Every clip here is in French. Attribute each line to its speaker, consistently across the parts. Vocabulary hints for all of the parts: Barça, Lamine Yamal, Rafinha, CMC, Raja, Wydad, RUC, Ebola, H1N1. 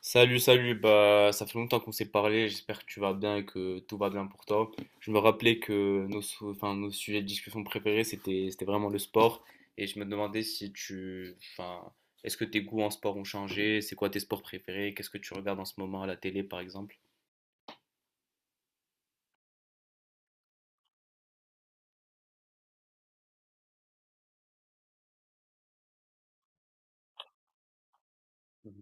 Speaker 1: Salut, salut, bah ça fait longtemps qu'on s'est parlé, j'espère que tu vas bien et que tout va bien pour toi. Je me rappelais que nos sujets de discussion préférés, c'était vraiment le sport. Et je me demandais si tu, enfin, est-ce que tes goûts en sport ont changé? C'est quoi tes sports préférés? Qu'est-ce que tu regardes en ce moment à la télé, par exemple? Mhm,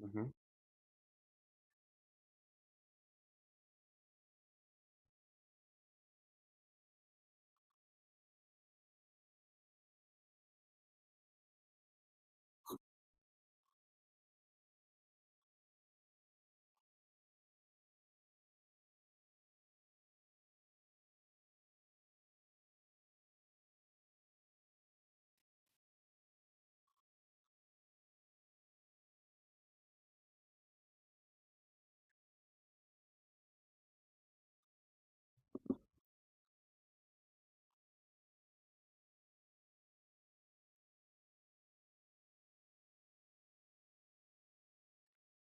Speaker 1: mhm.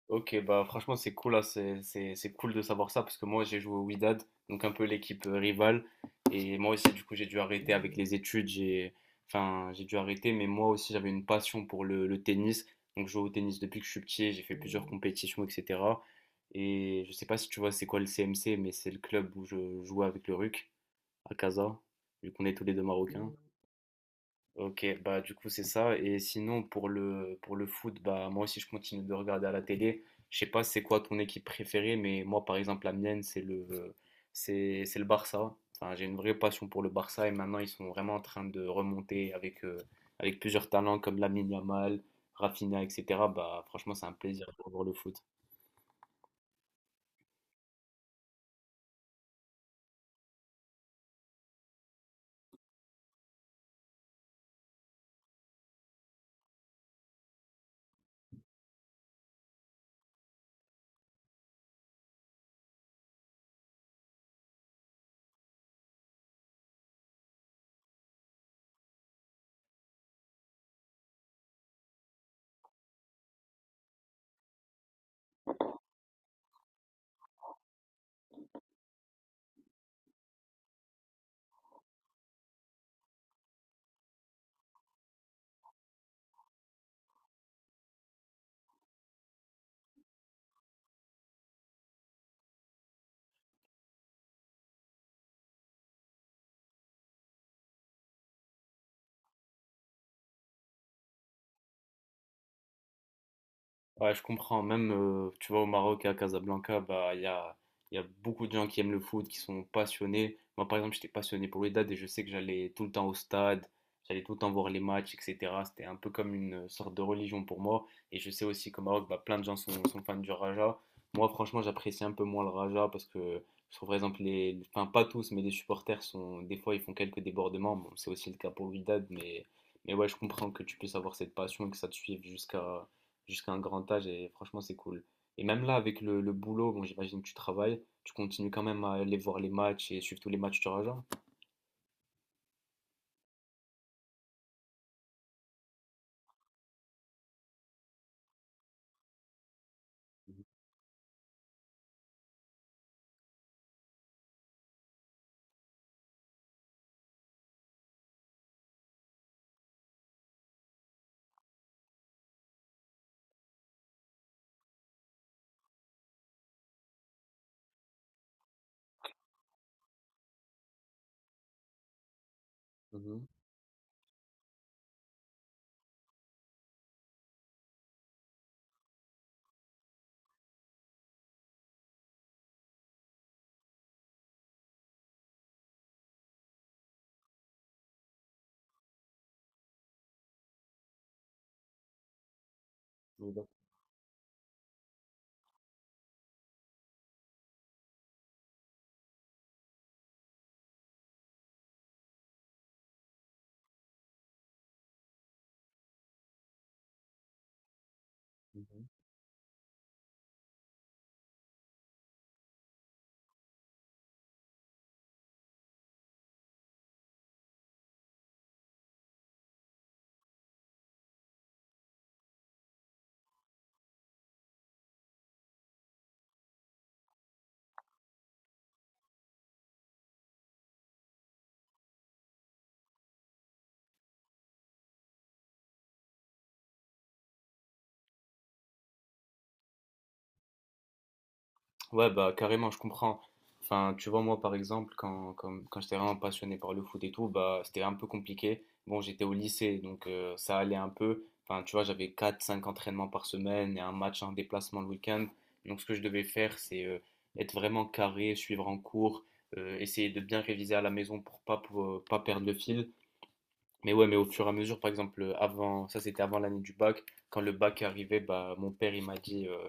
Speaker 1: Ok, bah franchement c'est cool là, c'est cool de savoir ça parce que moi j'ai joué au Wydad, donc un peu l'équipe rivale. Et moi aussi du coup j'ai dû arrêter avec les études, j'ai enfin j'ai dû arrêter, mais moi aussi j'avais une passion pour le tennis. Donc je joue au tennis depuis que je suis petit, j'ai fait plusieurs compétitions, etc. Et je sais pas si tu vois c'est quoi le CMC, mais c'est le club où je jouais avec le RUC à Casa, vu qu'on est tous les deux marocains. Ok, bah du coup c'est ça. Et sinon pour le foot, bah moi aussi je continue de regarder à la télé. Je sais pas c'est quoi ton équipe préférée, mais moi par exemple la mienne c'est le Barça. Enfin j'ai une vraie passion pour le Barça et maintenant ils sont vraiment en train de remonter avec plusieurs talents comme Lamine Yamal, Rafinha, etc. Bah franchement c'est un plaisir de revoir le foot. Ouais, je comprends. Même, tu vois, au Maroc et à Casablanca, bah, il y a beaucoup de gens qui aiment le foot, qui sont passionnés. Moi, par exemple, j'étais passionné pour le Wydad et je sais que j'allais tout le temps au stade, j'allais tout le temps voir les matchs, etc. C'était un peu comme une sorte de religion pour moi. Et je sais aussi qu'au Maroc, bah, plein de gens sont fans du Raja. Moi, franchement, j'apprécie un peu moins le Raja parce que, je trouve, par exemple, enfin, pas tous, mais les supporters sont, des fois, ils font quelques débordements. Bon, c'est aussi le cas pour le Wydad, mais ouais, je comprends que tu puisses avoir cette passion et que ça te suive jusqu'à un grand âge et franchement, c'est cool. Et même là, avec le boulot, bon, j'imagine que tu travailles, tu continues quand même à aller voir les matchs et suivre tous les matchs du Raja. Mhm, mhm, oui, d'accord. Ouais, bah carrément, je comprends. Enfin, tu vois, moi par exemple, quand j'étais vraiment passionné par le foot et tout, bah c'était un peu compliqué. Bon, j'étais au lycée, donc ça allait un peu. Enfin, tu vois, j'avais quatre cinq entraînements par semaine et un match, un déplacement le week-end. Donc, ce que je devais faire, c'est être vraiment carré, suivre en cours, essayer de bien réviser à la maison pour pas perdre le fil. Mais ouais, mais au fur et à mesure, par exemple, avant, ça c'était avant l'année du bac, quand le bac arrivait, bah, mon père il m'a dit,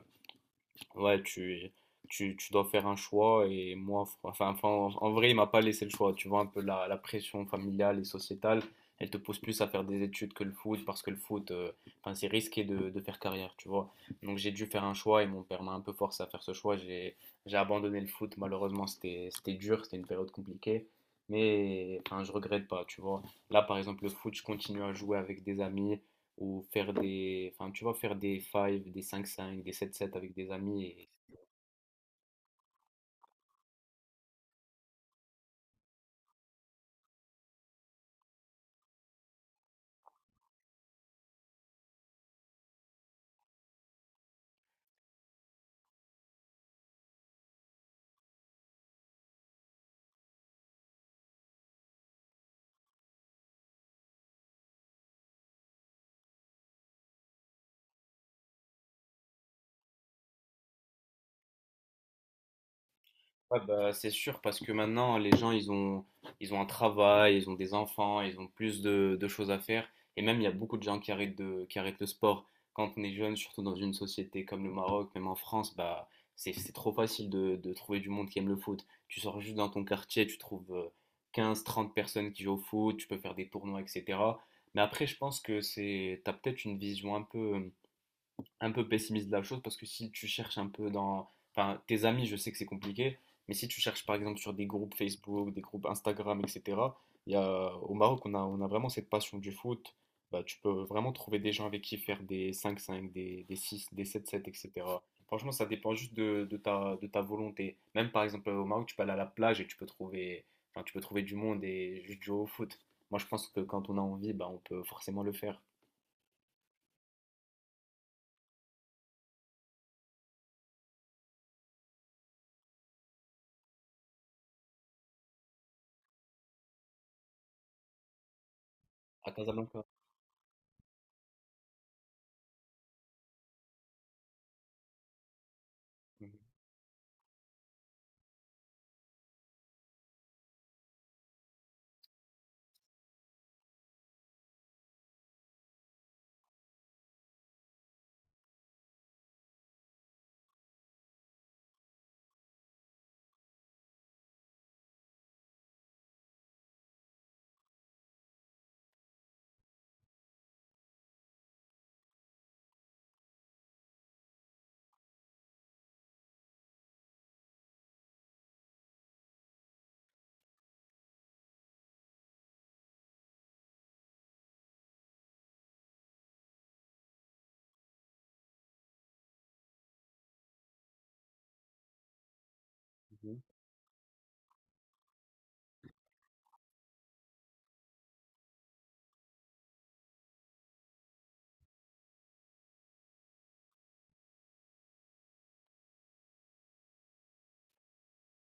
Speaker 1: ouais, tu dois faire un choix et moi, enfin, en vrai, il m'a pas laissé le choix. Tu vois, un peu la pression familiale et sociétale, elle te pousse plus à faire des études que le foot parce que le foot, enfin, c'est risqué de faire carrière, tu vois. Donc j'ai dû faire un choix et mon père m'a un peu forcé à faire ce choix. J'ai abandonné le foot, malheureusement, c'était dur, c'était une période compliquée. Mais enfin, je regrette pas, tu vois. Là, par exemple, le foot, je continue à jouer avec des amis ou faire enfin, tu vois, faire des 5, des cinq cinq des sept sept avec des amis. Et... Ouais, bah, c'est sûr, parce que maintenant, les gens, ils ont un travail, ils ont des enfants, ils ont plus de choses à faire. Et même, il y a beaucoup de gens qui arrêtent le sport. Quand on est jeune, surtout dans une société comme le Maroc, même en France, bah, c'est trop facile de trouver du monde qui aime le foot. Tu sors juste dans ton quartier, tu trouves 15, 30 personnes qui jouent au foot, tu peux faire des tournois, etc. Mais après, je pense que t'as peut-être une vision un peu pessimiste de la chose parce que si tu cherches un peu dans. Enfin, tes amis, je sais que c'est compliqué, mais si tu cherches par exemple sur des groupes Facebook, des groupes Instagram, etc., il y a, au Maroc, on a vraiment cette passion du foot. Bah, tu peux vraiment trouver des gens avec qui faire des cinq cinq des 6, des sept 7 etc. Franchement, ça dépend juste de ta volonté. Même par exemple au Maroc, tu peux aller à la plage et tu peux enfin, tu peux trouver du monde et juste jouer au foot. Moi, je pense que quand on a envie, bah, on peut forcément le faire. À Casablanca. Mhm.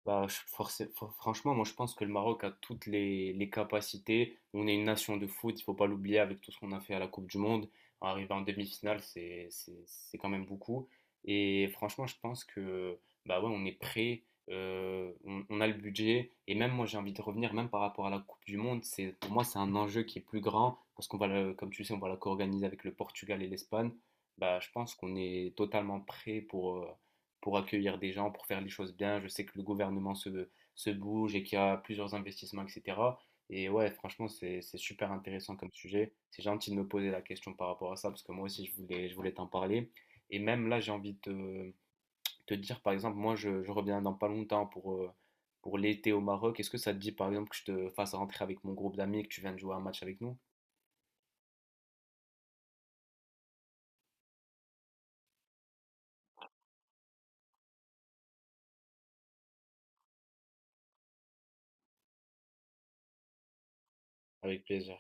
Speaker 1: Bah, franchement, moi je pense que le Maroc a toutes les capacités. On est une nation de foot, il faut pas l'oublier avec tout ce qu'on a fait à la Coupe du Monde. Arriver en demi-finale, c'est quand même beaucoup. Et franchement, je pense que bah ouais, on est prêt, on a le budget. Et même moi, j'ai envie de revenir, même par rapport à la Coupe du Monde, c'est, pour moi, c'est un enjeu qui est plus grand parce qu'comme tu sais, on va la co-organiser avec le Portugal et l'Espagne. Bah, je pense qu'on est totalement prêt pour accueillir des gens, pour faire les choses bien. Je sais que le gouvernement se bouge et qu'il y a plusieurs investissements, etc. Et ouais, franchement, c'est super intéressant comme sujet. C'est gentil de me poser la question par rapport à ça, parce que moi aussi, je voulais t'en parler. Et même là, j'ai envie de te dire, par exemple, moi, je reviens dans pas longtemps pour l'été au Maroc. Est-ce que ça te dit, par exemple, que je te fasse rentrer avec mon groupe d'amis, et que tu viennes jouer un match avec nous? Avec plaisir.